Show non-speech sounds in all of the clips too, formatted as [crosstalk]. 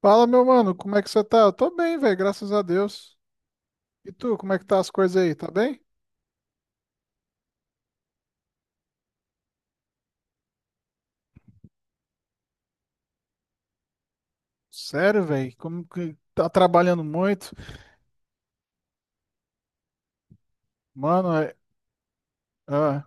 Fala, meu mano, como é que você tá? Eu tô bem, velho, graças a Deus. E tu, como é que tá as coisas aí? Tá bem? Sério, velho? Como que tá trabalhando muito? Mano, ah,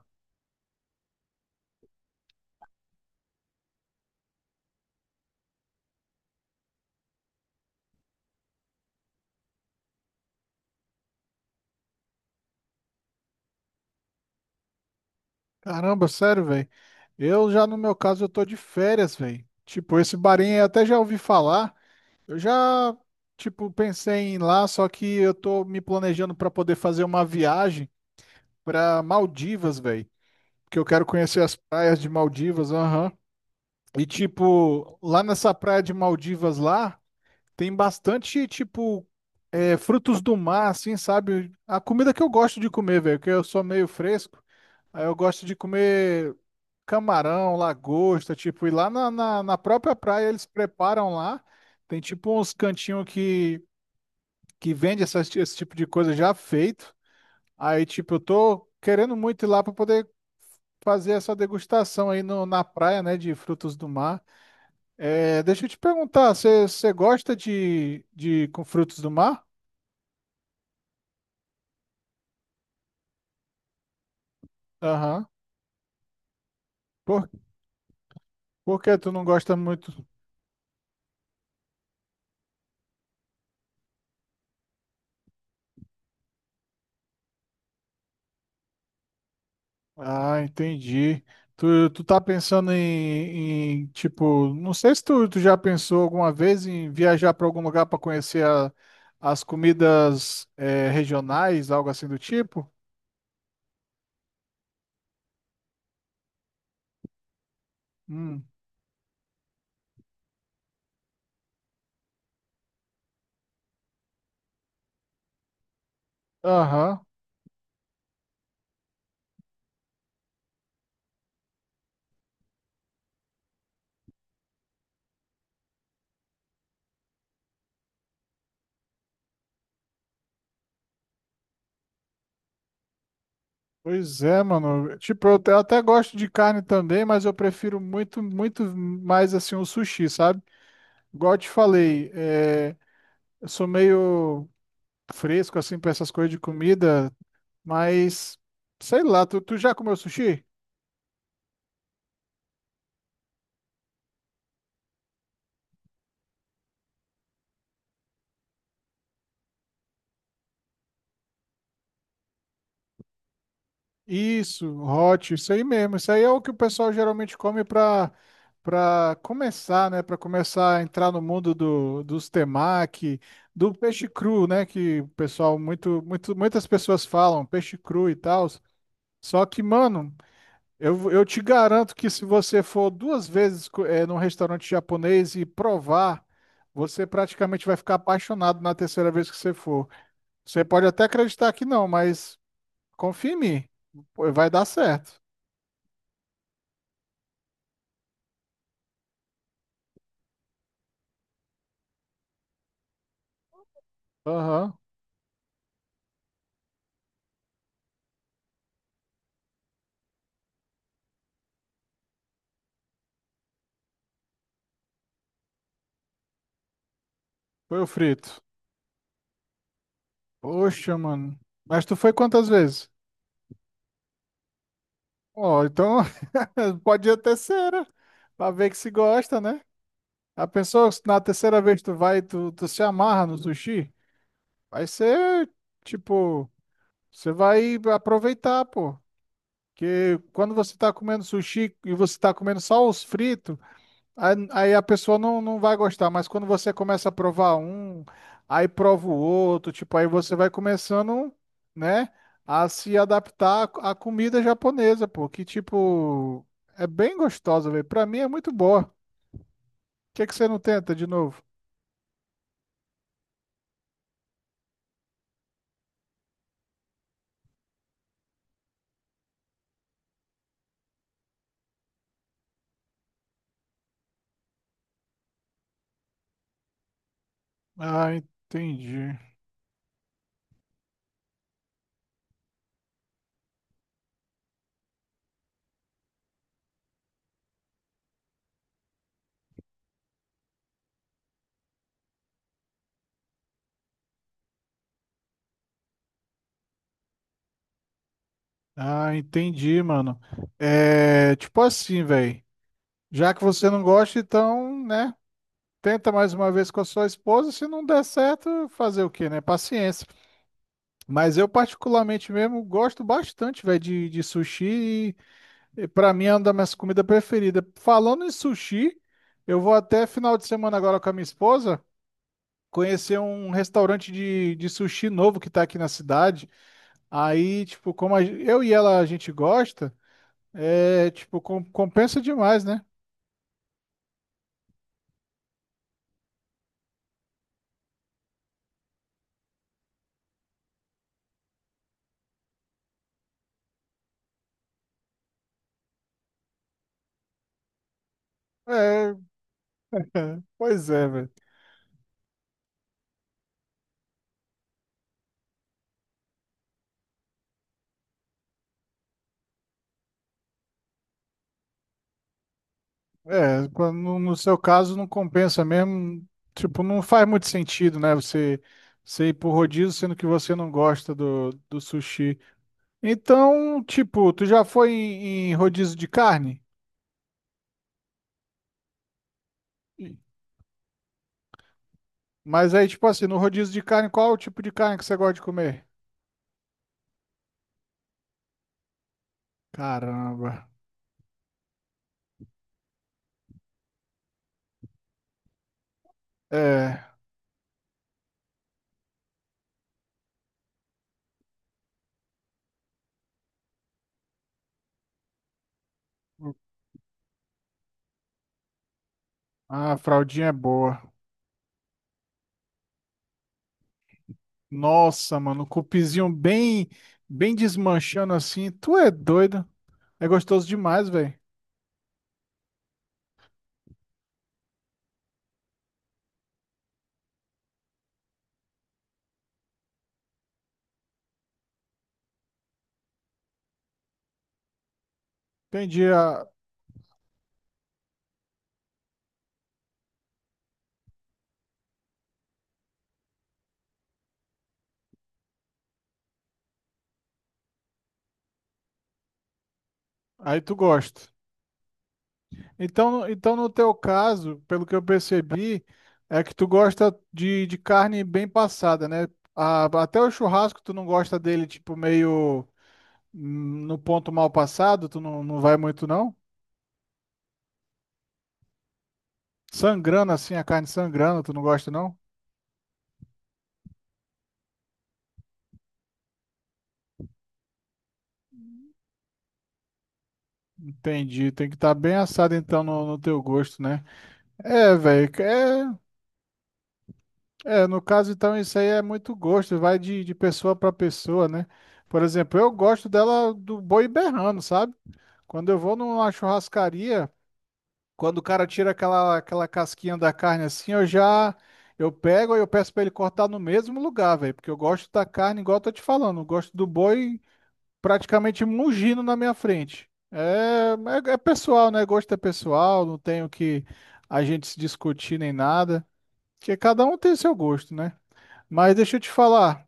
caramba, sério, velho. Eu já, no meu caso, Eu tô de férias, velho. Tipo, esse barinho eu até já ouvi falar. Eu já, tipo, pensei em ir lá, só que eu tô me planejando pra poder fazer uma viagem pra Maldivas, velho. Porque eu quero conhecer as praias de Maldivas, aham. E tipo, lá nessa praia de Maldivas lá, tem bastante, tipo, é, frutos do mar, assim, sabe? A comida que eu gosto de comer, velho, que eu sou meio fresco. Aí eu gosto de comer camarão, lagosta, tipo, e lá na própria praia eles preparam lá. Tem, tipo, uns cantinhos que, vende esse tipo de coisa já feito. Aí, tipo, eu tô querendo muito ir lá pra poder fazer essa degustação aí no, na praia, né, de frutos do mar. É, deixa eu te perguntar, você gosta de com frutos do mar? Aham. Por, por que tu não gosta muito? Ah, entendi. Tu tá pensando tipo, não sei se tu, tu já pensou alguma vez em viajar para algum lugar para conhecer as comidas regionais, algo assim do tipo? Hum. Aham. Pois é, mano. Tipo, eu até gosto de carne também, mas eu prefiro muito, muito mais assim o sushi, sabe? Igual eu te falei, eu sou meio fresco assim para essas coisas de comida. Mas, sei lá, tu já comeu sushi? Isso, hot, isso aí mesmo. Isso aí é o que o pessoal geralmente come para começar, né? Para começar a entrar no mundo dos temaki, do peixe cru, né? Que o pessoal, muitas pessoas falam, peixe cru e tal. Só que, mano, eu te garanto que se você for duas vezes num restaurante japonês e provar, você praticamente vai ficar apaixonado na terceira vez que você for. Você pode até acreditar que não, mas confia em mim. Pô, vai dar certo. Aham. Foi o frito. Poxa, mano. Mas tu foi quantas vezes? Ó, então [laughs] pode ir a terceira. Pra ver que se gosta, né? A pessoa, se na terceira vez tu vai, tu se amarra no sushi. Vai ser, tipo, você vai aproveitar, pô. Porque quando você tá comendo sushi e você tá comendo só os fritos. Aí a pessoa não, não vai gostar, mas quando você começa a provar um, aí prova o outro, tipo, aí você vai começando, né, a se adaptar à comida japonesa, pô, que tipo, é bem gostosa, velho. Pra mim é muito boa. O que que você não tenta de novo? Ah, entendi. Ah, entendi, mano. É, tipo assim, velho. Já que você não gosta, então, né, tenta mais uma vez com a sua esposa, se não der certo, fazer o quê, né? Paciência. Mas eu particularmente mesmo gosto bastante, velho, de sushi e pra mim é uma das minhas comidas preferidas. Falando em sushi, eu vou até final de semana agora com a minha esposa conhecer um restaurante de sushi novo que tá aqui na cidade. Aí, tipo, como eu e ela a gente gosta, é, tipo, compensa demais, né? É, pois é, velho. É, no seu caso não compensa mesmo, tipo, não faz muito sentido, né? Você ir pro rodízio sendo que você não gosta do sushi. Então, tipo, tu já foi em rodízio de carne? Sim. Mas aí, tipo assim, no rodízio de carne, qual o tipo de carne que você gosta de comer? Caramba. É, a fraldinha é boa. Nossa, mano, o cupizinho bem, bem desmanchando assim. Tu é doido. É gostoso demais, velho. Entendi. a- Aí tu gosta. Então, então, no teu caso, pelo que eu percebi, é que tu gosta de carne bem passada, né? Até o churrasco tu não gosta dele, tipo, meio no ponto mal passado, tu não, não vai muito, não? Sangrando assim, a carne sangrando, tu não gosta, não? Entendi, tem que estar bem assado então no teu gosto, né? É, velho, é, é, no caso então isso aí é muito gosto, vai de pessoa para pessoa, né? Por exemplo, eu gosto dela do boi berrando, sabe? Quando eu vou numa churrascaria, quando o cara tira aquela, aquela casquinha da carne assim, eu pego e eu peço pra ele cortar no mesmo lugar, velho, porque eu gosto da carne igual eu tô te falando, eu gosto do boi praticamente mugindo na minha frente. É pessoal, né? Gosto é pessoal, não tenho que a gente se discutir nem nada, porque cada um tem seu gosto, né? Mas deixa eu te falar,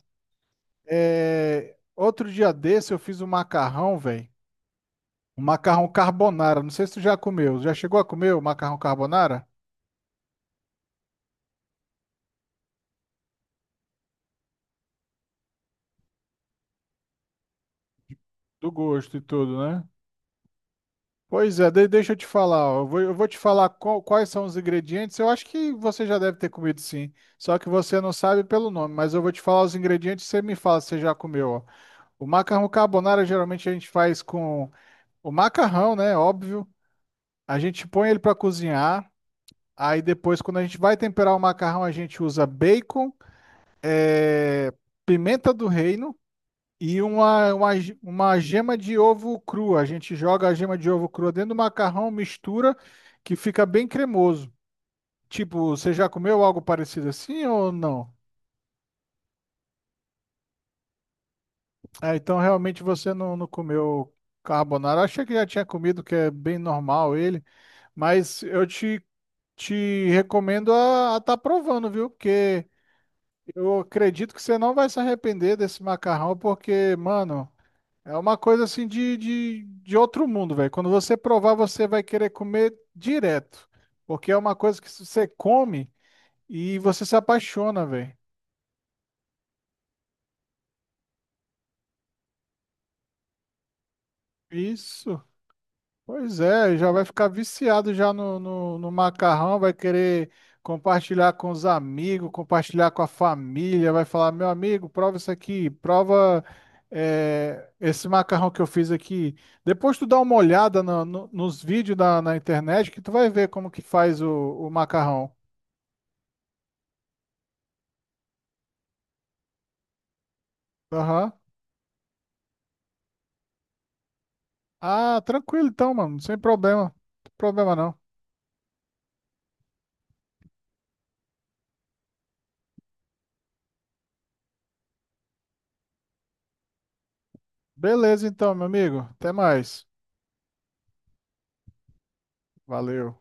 é, outro dia desse eu fiz um macarrão, velho. O macarrão carbonara. Não sei se tu já comeu. Já chegou a comer o macarrão carbonara? Do gosto e tudo, né? Pois é, deixa eu te falar, ó. Eu vou te falar quais são os ingredientes. Eu acho que você já deve ter comido sim. Só que você não sabe pelo nome, mas eu vou te falar os ingredientes e você me fala se você já comeu, ó. O macarrão carbonara geralmente a gente faz com o macarrão, né? Óbvio. A gente põe ele para cozinhar. Aí depois, quando a gente vai temperar o macarrão, a gente usa bacon, eh, pimenta do reino. E uma gema de ovo crua. A gente joga a gema de ovo crua dentro do macarrão, mistura, que fica bem cremoso. Tipo, você já comeu algo parecido assim ou não? Ah, então realmente você não, não comeu carbonara. Achei que já tinha comido, que é bem normal ele. Mas eu te recomendo a estar provando, viu? Porque eu acredito que você não vai se arrepender desse macarrão, porque, mano. É uma coisa assim de outro mundo, velho. Quando você provar, você vai querer comer direto. Porque é uma coisa que você come e você se apaixona, velho. Isso. Pois é, já vai ficar viciado já no macarrão, vai querer compartilhar com os amigos, compartilhar com a família, vai falar, meu amigo, prova isso aqui, prova esse macarrão que eu fiz aqui. Depois tu dá uma olhada nos vídeos na internet que tu vai ver como que faz o macarrão. Aham. Ah, tranquilo então, mano, sem problema. Não tem problema não. Beleza então, meu amigo. Até mais. Valeu.